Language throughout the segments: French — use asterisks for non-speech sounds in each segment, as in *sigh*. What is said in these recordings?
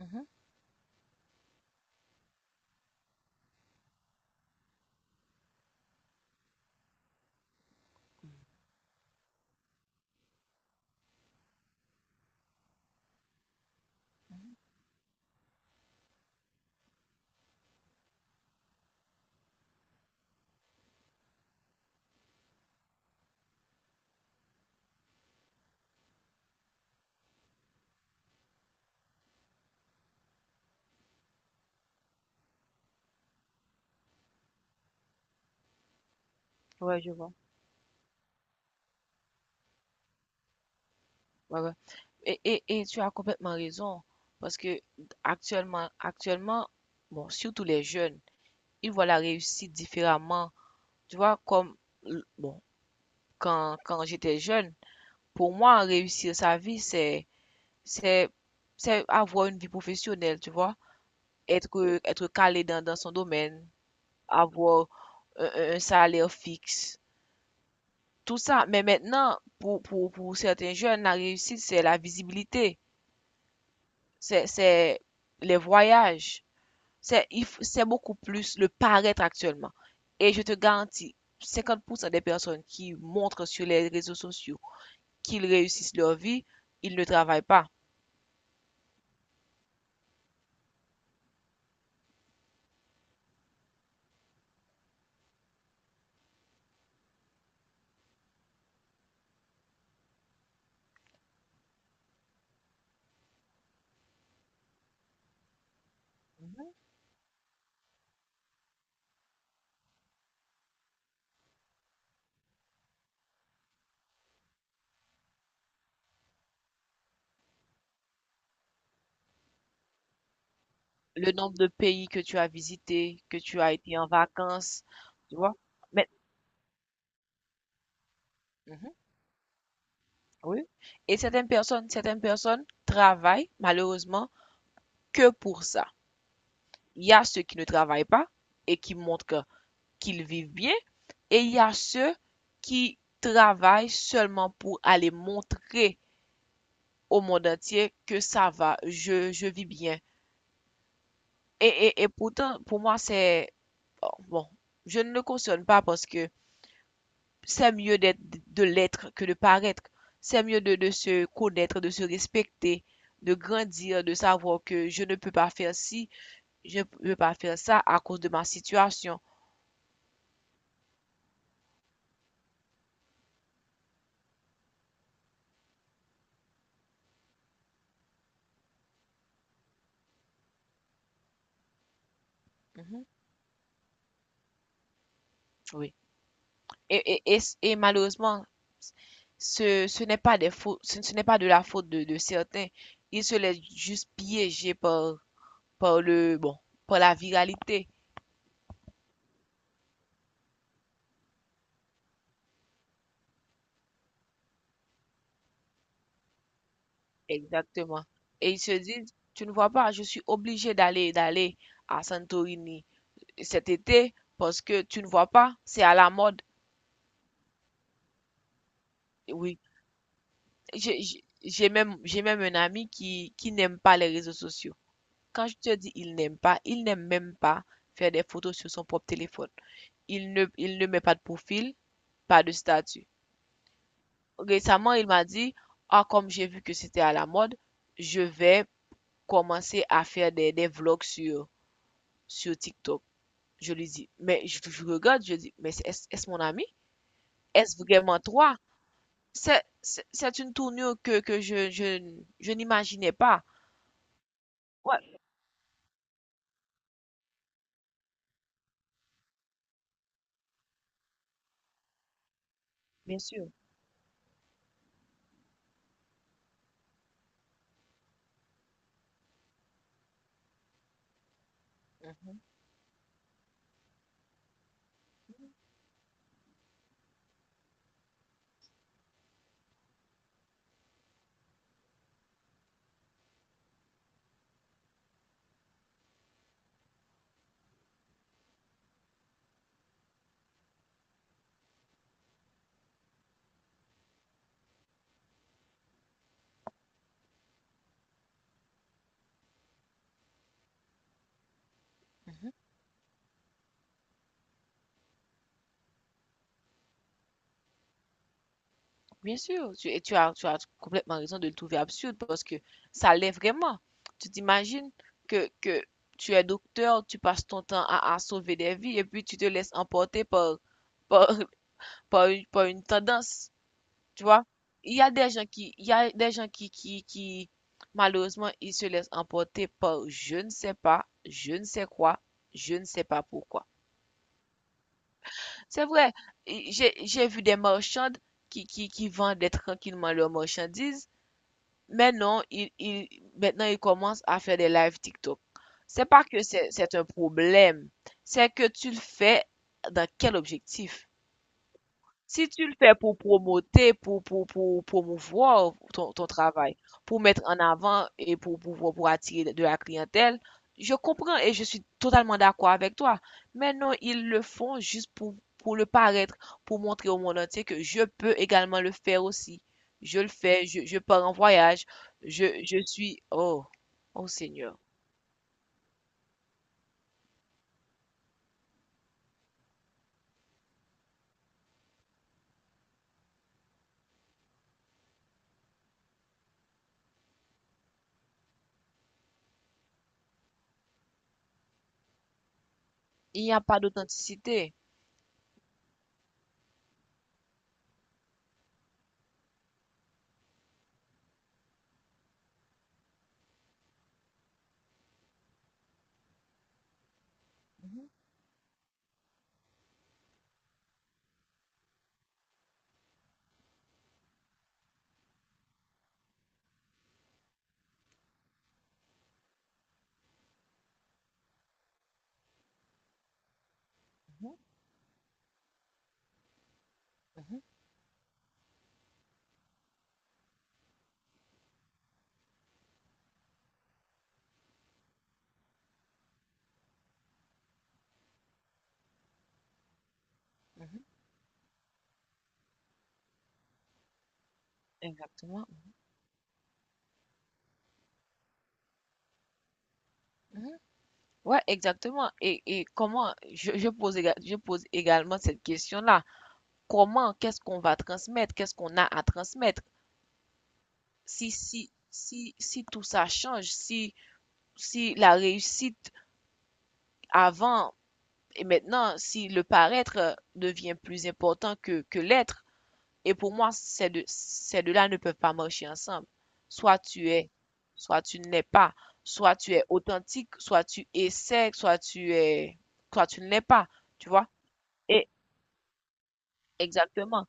Mhm. Ouais, je vois. Ouais, ouais. Et tu as complètement raison, parce que actuellement, bon, surtout les jeunes, ils voient la réussite différemment. Tu vois, comme, bon, quand j'étais jeune, pour moi, réussir sa vie, c'est, c'est avoir une vie professionnelle, tu vois, être calé dans son domaine, avoir un salaire fixe, tout ça. Mais maintenant, pour certains jeunes, la réussite, c'est la visibilité. C'est les voyages, c'est beaucoup plus le paraître actuellement. Et je te garantis, 50% des personnes qui montrent sur les réseaux sociaux qu'ils réussissent leur vie, ils ne travaillent pas. Mhm. Le nombre de pays que tu as visités, que tu as été en vacances, tu vois. Mais, mhm, oui. Et certaines personnes travaillent malheureusement que pour ça. Il y a ceux qui ne travaillent pas et qui montrent qu'ils vivent bien, et il y a ceux qui travaillent seulement pour aller montrer au monde entier que ça va, je vis bien. Et pourtant, pour moi, c'est... oh, Bon, je ne le cautionne pas parce que c'est mieux d'être, de l'être que de paraître. C'est mieux de se connaître, de se respecter, de grandir, de savoir que je ne peux pas faire ci, je ne peux pas faire ça à cause de ma situation. Hmm, oui. Et malheureusement, ce n'est pas des fautes, ce n'est pas de la faute de certains. Ils se laissent juste piéger par, par le, bon, par la viralité. Exactement. Et ils se disent, tu ne vois pas, je suis obligé d'aller à Santorini cet été parce que tu ne vois pas, c'est à la mode. Oui. J'ai même un ami qui n'aime pas les réseaux sociaux. Quand je te dis il n'aime pas, il n'aime même pas faire des photos sur son propre téléphone. Il ne met pas de profil, pas de statut. Récemment, il m'a dit, ah, comme j'ai vu que c'était à la mode, je vais commencer à faire des vlogs sur, sur TikTok. Je lui dis, je regarde, je dis, mais est-ce mon ami? Est-ce vraiment toi? C'est une tournure que je n'imaginais pas. Ouais, bien sûr. Bien sûr, et tu as complètement raison de le trouver absurde parce que ça l'est vraiment. Tu t'imagines que tu es docteur, tu passes ton temps à sauver des vies et puis tu te laisses emporter par, *laughs* par une tendance, tu vois. Il y a des gens qui, malheureusement, ils se laissent emporter par je ne sais pas, je ne sais quoi, je ne sais pas pourquoi. C'est vrai, j'ai vu des marchandes qui vendaient tranquillement leurs marchandises. Maintenant, il, il, maintenant, il commence à faire des lives TikTok. C'est pas que c'est un problème, c'est que tu le fais dans quel objectif? Si tu le fais pour promoter, pour promouvoir ton travail, pour mettre en avant et pour attirer de la clientèle, je comprends et je suis totalement d'accord avec toi. Mais non, ils le font juste pour le paraître, pour montrer au monde entier que je peux également le faire aussi. Je le fais, je pars en voyage, je suis... Oh, oh Seigneur. Il n'y a pas d'authenticité. Mhm, mhm, mhm, mhm, exactement. Mhm. Ouais, exactement. Et comment, je pose, je pose également cette question-là. Comment, qu'est-ce qu'on va transmettre? Qu'est-ce qu'on a à transmettre? Si tout ça change, si, si la réussite avant et maintenant, si le paraître devient plus important que l'être, et pour moi, ces deux-là ne peuvent pas marcher ensemble. Soit tu es, soit tu n'es pas. Soit tu es authentique, soit tu essaies, soit tu es, soit tu ne l'es pas. Tu vois? Et, exactement.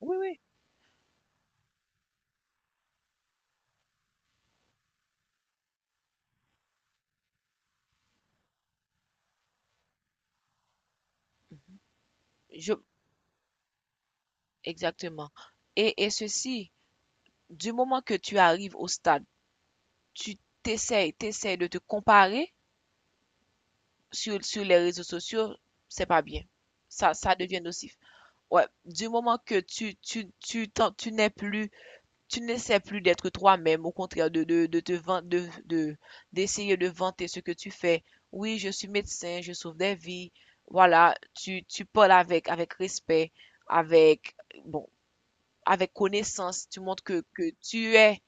Oui, oui, je, exactement. Et ceci, du moment que tu arrives au stade, tu t'essayes de te comparer sur, sur les réseaux sociaux, c'est pas bien. Ça devient nocif. Ouais, du moment que tu n'es plus, tu n'essaies plus d'être toi-même, au contraire de te de, d'essayer de vanter ce que tu fais. Oui, je suis médecin, je sauve des vies. Voilà, tu parles avec, avec respect, avec, bon, avec connaissance, tu montres que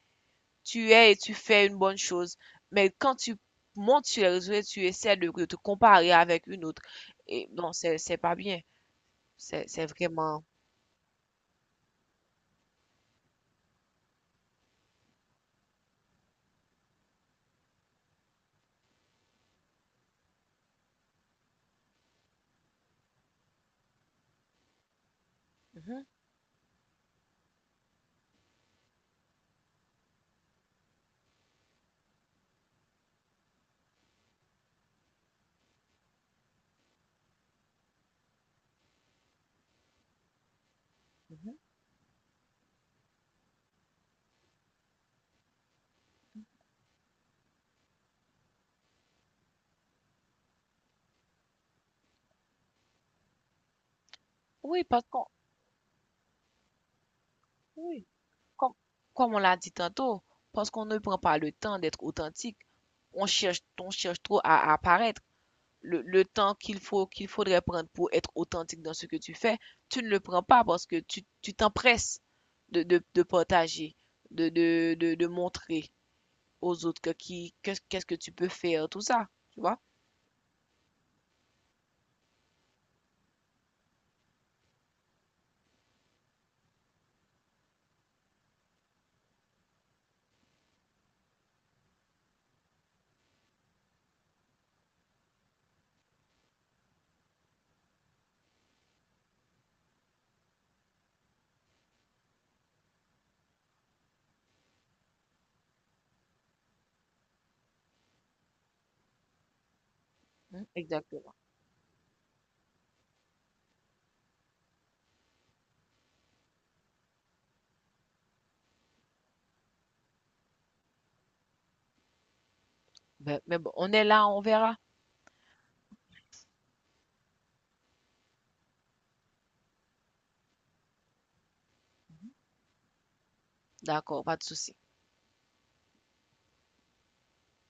tu es et tu fais une bonne chose. Mais quand tu montes sur les réseaux et tu essaies de te comparer avec une autre, et non, c'est pas bien. C'est vraiment. Mhm, mhm. Oui, parce qu'on, oui, comme, comme on l'a dit tantôt, parce qu'on ne prend pas le temps d'être authentique, on cherche trop à apparaître. Le temps qu'il faut, qu'il faudrait prendre pour être authentique dans ce que tu fais, tu ne le prends pas parce que tu t'empresses de partager, de montrer aux autres qu'est-ce que tu peux faire, tout ça, tu vois? Mhm, exactement. Ben, mais bon, on est là, on verra. D'accord, pas de souci.